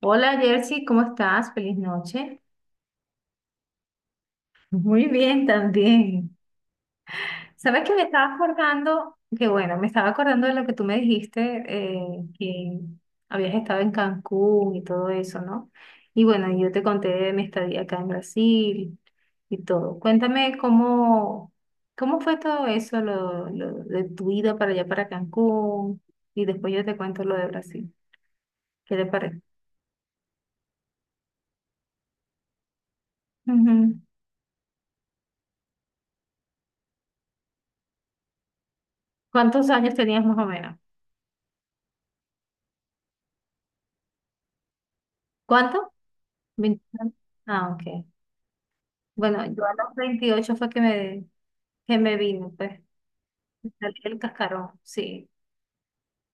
Hola Jersey, ¿cómo estás? Feliz noche. Muy bien también. Sabes que me estaba acordando, que bueno, me estaba acordando de lo que tú me dijiste, que habías estado en Cancún y todo eso, ¿no? Y bueno, yo te conté de mi estadía acá en Brasil y todo. Cuéntame cómo, cómo fue todo eso, lo de tu ida para allá, para Cancún, y después yo te cuento lo de Brasil. ¿Qué te parece? Ujú. ¿Cuántos años tenías más o menos? ¿Cuánto? 20. Ah, ok. Bueno, yo a los 28 fue que que me vino, pues. Me salí el cascarón, sí.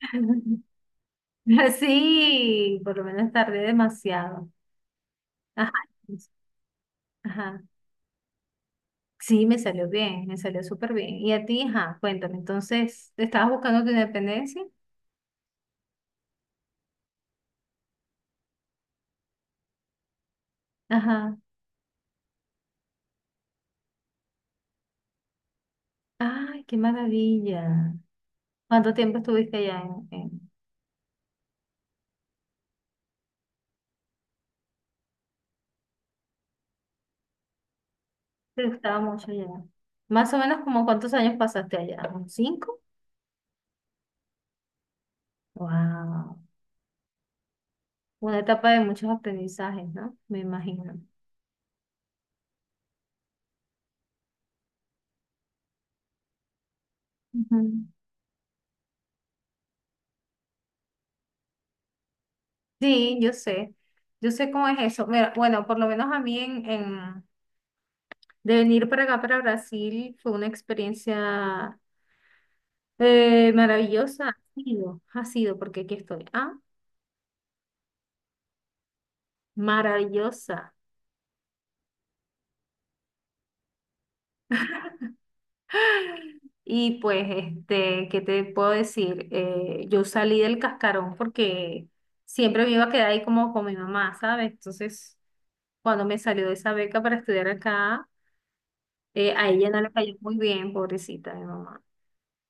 Sí, por lo menos tardé demasiado. Ajá, pues, ajá. Sí, me salió bien, me salió súper bien. Y a ti, ajá, cuéntame, entonces, ¿estabas buscando tu independencia? Ajá. Ay, qué maravilla. ¿Cuánto tiempo estuviste allá Te gustaba mucho allá. Más o menos como cuántos años pasaste allá, ¿un cinco? Wow. Una etapa de muchos aprendizajes, ¿no? Me imagino. Ujú. Sí, yo sé. Yo sé cómo es eso. Mira, bueno, por lo menos a mí de venir para acá, para Brasil, fue una experiencia maravillosa. Ha sido, porque aquí estoy. Ah, maravillosa. Y pues, este, ¿qué te puedo decir? Yo salí del cascarón porque siempre me iba a quedar ahí como con mi mamá, ¿sabes? Entonces, cuando me salió de esa beca para estudiar acá, a ella no le cayó muy bien, pobrecita mi mamá,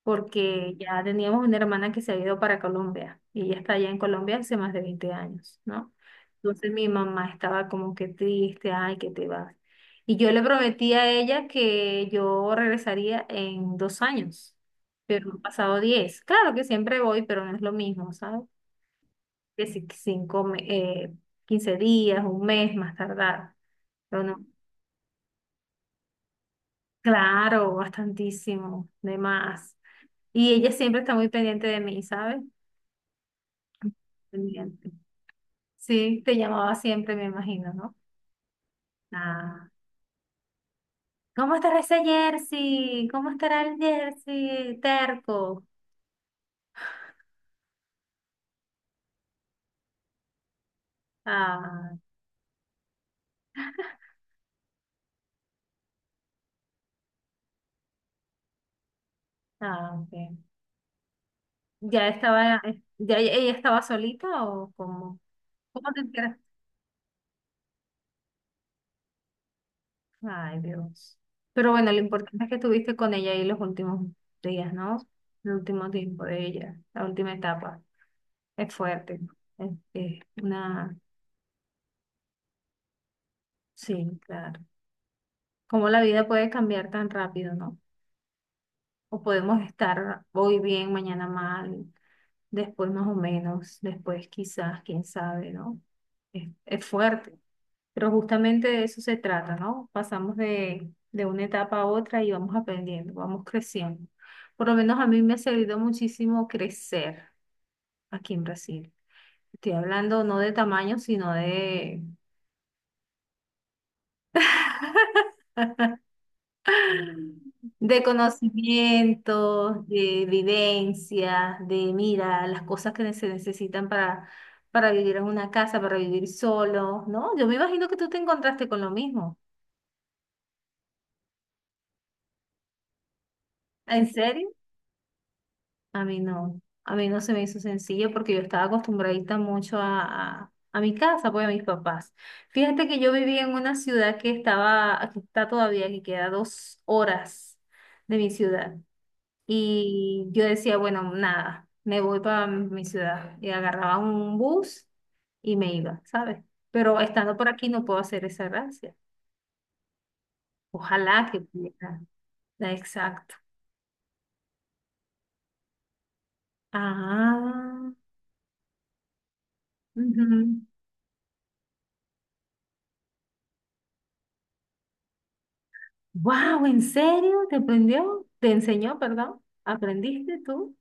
porque ya teníamos una hermana que se había ido para Colombia y ella está allá en Colombia hace más de 20 años, ¿no? Entonces mi mamá estaba como que triste, ay, que te vas. Y yo le prometí a ella que yo regresaría en 2 años, pero han pasado 10. Claro que siempre voy, pero no es lo mismo, ¿sabes? Que si cinco, 15 días, un mes más tardar, pero no. Claro, bastantísimo, de más. Y ella siempre está muy pendiente de mí, ¿sabes? Pendiente. Sí, te llamaba siempre, me imagino, ¿no? Ah, ¿cómo estará ese jersey? ¿Cómo estará el jersey? Terco. Ah, ah, ok. ¿Ya estaba, ya ella estaba solita o cómo? ¿Cómo te enteras? Ay, Dios. Pero bueno, lo importante es que estuviste con ella ahí los últimos días, ¿no? El último tiempo de ella, la última etapa. Es fuerte, ¿no? Es una, sí, claro. Cómo la vida puede cambiar tan rápido, ¿no? O podemos estar hoy bien, mañana mal, después más o menos, después quizás, quién sabe, ¿no? Es fuerte, pero justamente de eso se trata, ¿no? Pasamos de una etapa a otra y vamos aprendiendo, vamos creciendo. Por lo menos a mí me ha servido muchísimo crecer aquí en Brasil. Estoy hablando no de tamaño, sino de conocimientos, de vivencias, de mira, las cosas que se necesitan para vivir en una casa, para vivir solo, ¿no? Yo me imagino que tú te encontraste con lo mismo. ¿En serio? A mí no se me hizo sencillo porque yo estaba acostumbradita mucho a mi casa, pues a mis papás. Fíjate que yo vivía en una ciudad que estaba, que está todavía, que queda 2 horas de mi ciudad. Y yo decía, bueno, nada, me voy para mi ciudad. Y agarraba un bus y me iba, ¿sabes? Pero estando por aquí no puedo hacer esa gracia. Ojalá que pudiera. Exacto. Ah, wow, ¿en serio? ¿Te aprendió? ¿Te enseñó, perdón? ¿Aprendiste tú?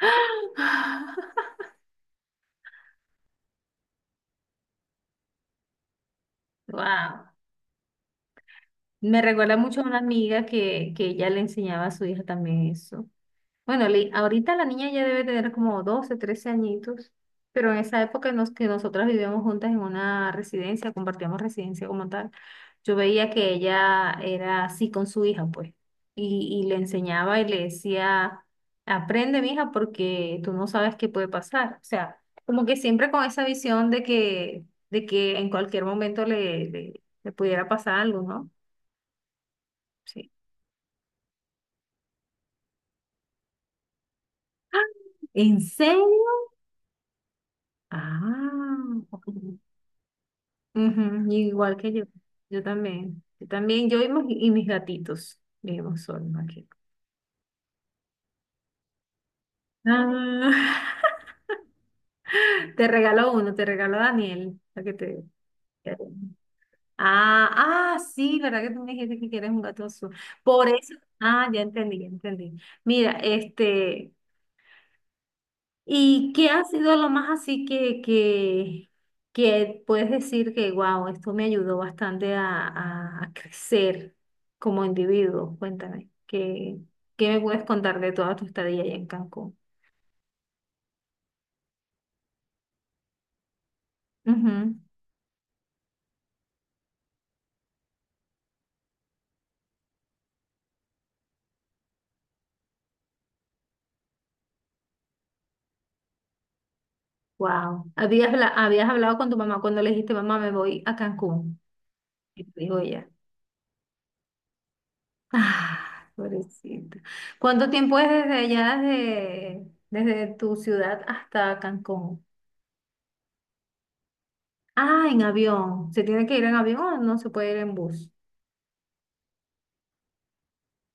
Wow. Me recuerda mucho a una amiga que ella le enseñaba a su hija también eso. Bueno, ahorita la niña ya debe tener como 12 13 añitos, pero en esa época en los que nosotras vivíamos juntas en una residencia, compartíamos residencia como tal, yo veía que ella era así con su hija, pues, y le enseñaba y le decía, aprende, mija, porque tú no sabes qué puede pasar. O sea, como que siempre con esa visión de que en cualquier momento le pudiera pasar algo, ¿no? Sí. ¡Ah! ¿En serio? Ah. Ujú, igual que yo. Yo también. Yo también, yo y mis gatitos. Vivimos solos aquí. Ah, te regaló uno, te regaló Daniel, para que te... Ah, ah, sí, ¿verdad que tú me dijiste que quieres un gato azul? Por eso, ah, ya entendí, ya entendí. Mira, este, ¿y qué ha sido lo más así que puedes decir que, wow, esto me ayudó bastante a crecer como individuo? Cuéntame, ¿qué me puedes contar de toda tu estadía allá en Cancún? Wow. ¿Habías hablado con tu mamá cuando le dijiste, mamá, me voy a Cancún? Y te dijo ella, ah, pobrecita. ¿Cuánto tiempo es desde allá, desde tu ciudad hasta Cancún? Ah, en avión. ¿Se tiene que ir en avión o no se puede ir en bus?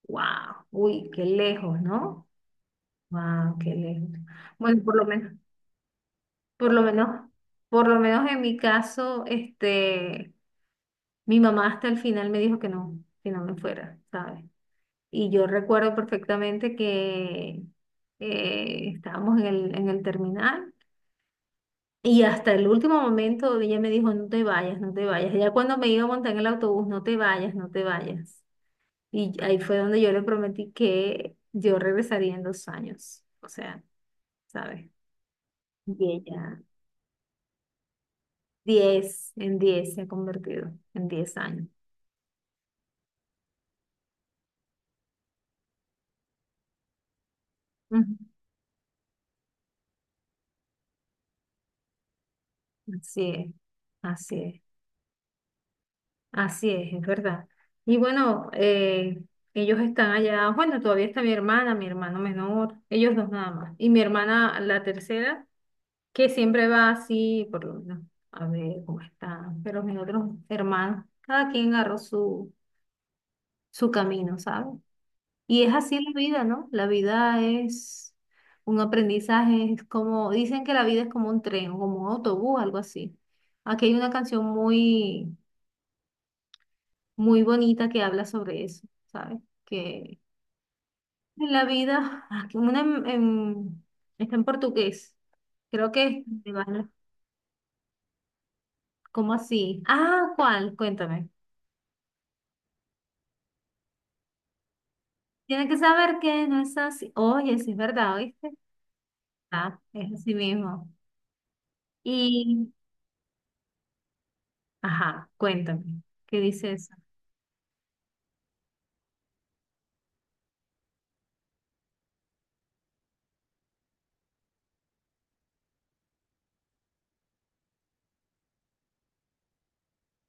Wow, uy, qué lejos, ¿no? Wow, qué lejos. Bueno, por lo menos, por lo menos, por lo menos en mi caso, este, mi mamá hasta el final me dijo que no me fuera, ¿sabes? Y yo recuerdo perfectamente que estábamos en el terminal y hasta el último momento ella me dijo, no te vayas, no te vayas. Ya cuando me iba a montar en el autobús, no te vayas, no te vayas. Y ahí fue donde yo le prometí que yo regresaría en dos años. O sea, ¿sabes? Y ella, 10, en 10 se ha convertido, en 10 años. Ujú. Así es, así es, así es verdad. Y bueno, ellos están allá, bueno, todavía está mi hermana, mi hermano menor, ellos dos nada más. Y mi hermana, la tercera, que siempre va así, por lo menos, a ver cómo están. Pero mis otros hermanos, cada quien agarró su camino, ¿sabes? Y es así la vida, ¿no? La vida es un aprendizaje, es como, dicen que la vida es como un tren o como un autobús, algo así. Aquí hay una canción muy, muy bonita que habla sobre eso, ¿sabes? Que en la vida, ah, que está en portugués, creo que es, ¿cómo así? Ah, ¿cuál? Cuéntame. Tiene que saber que no es así. Oye, sí es verdad, ¿oíste? Ah, es así mismo. Y, ajá, cuéntame, ¿qué dices?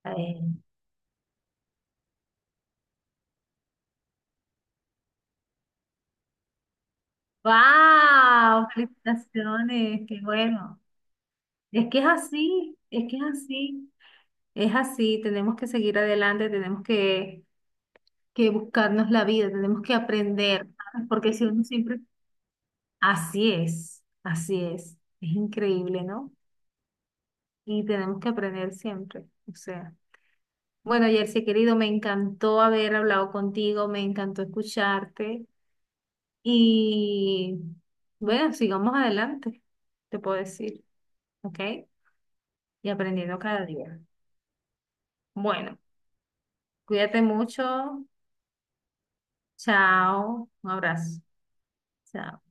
¡Wow! Felicitaciones, qué bueno. Es que es así, es que es así, es así. Tenemos que seguir adelante, tenemos que buscarnos la vida, tenemos que aprender, ¿sabes? Porque si uno siempre... Así es, así es. Es increíble, ¿no? Y tenemos que aprender siempre. O sea, bueno, Jersey, querido, me encantó haber hablado contigo, me encantó escucharte y bueno, sigamos adelante, te puedo decir, ¿ok? Y aprendiendo cada día. Bueno, cuídate mucho. Chao. Un abrazo. Chao.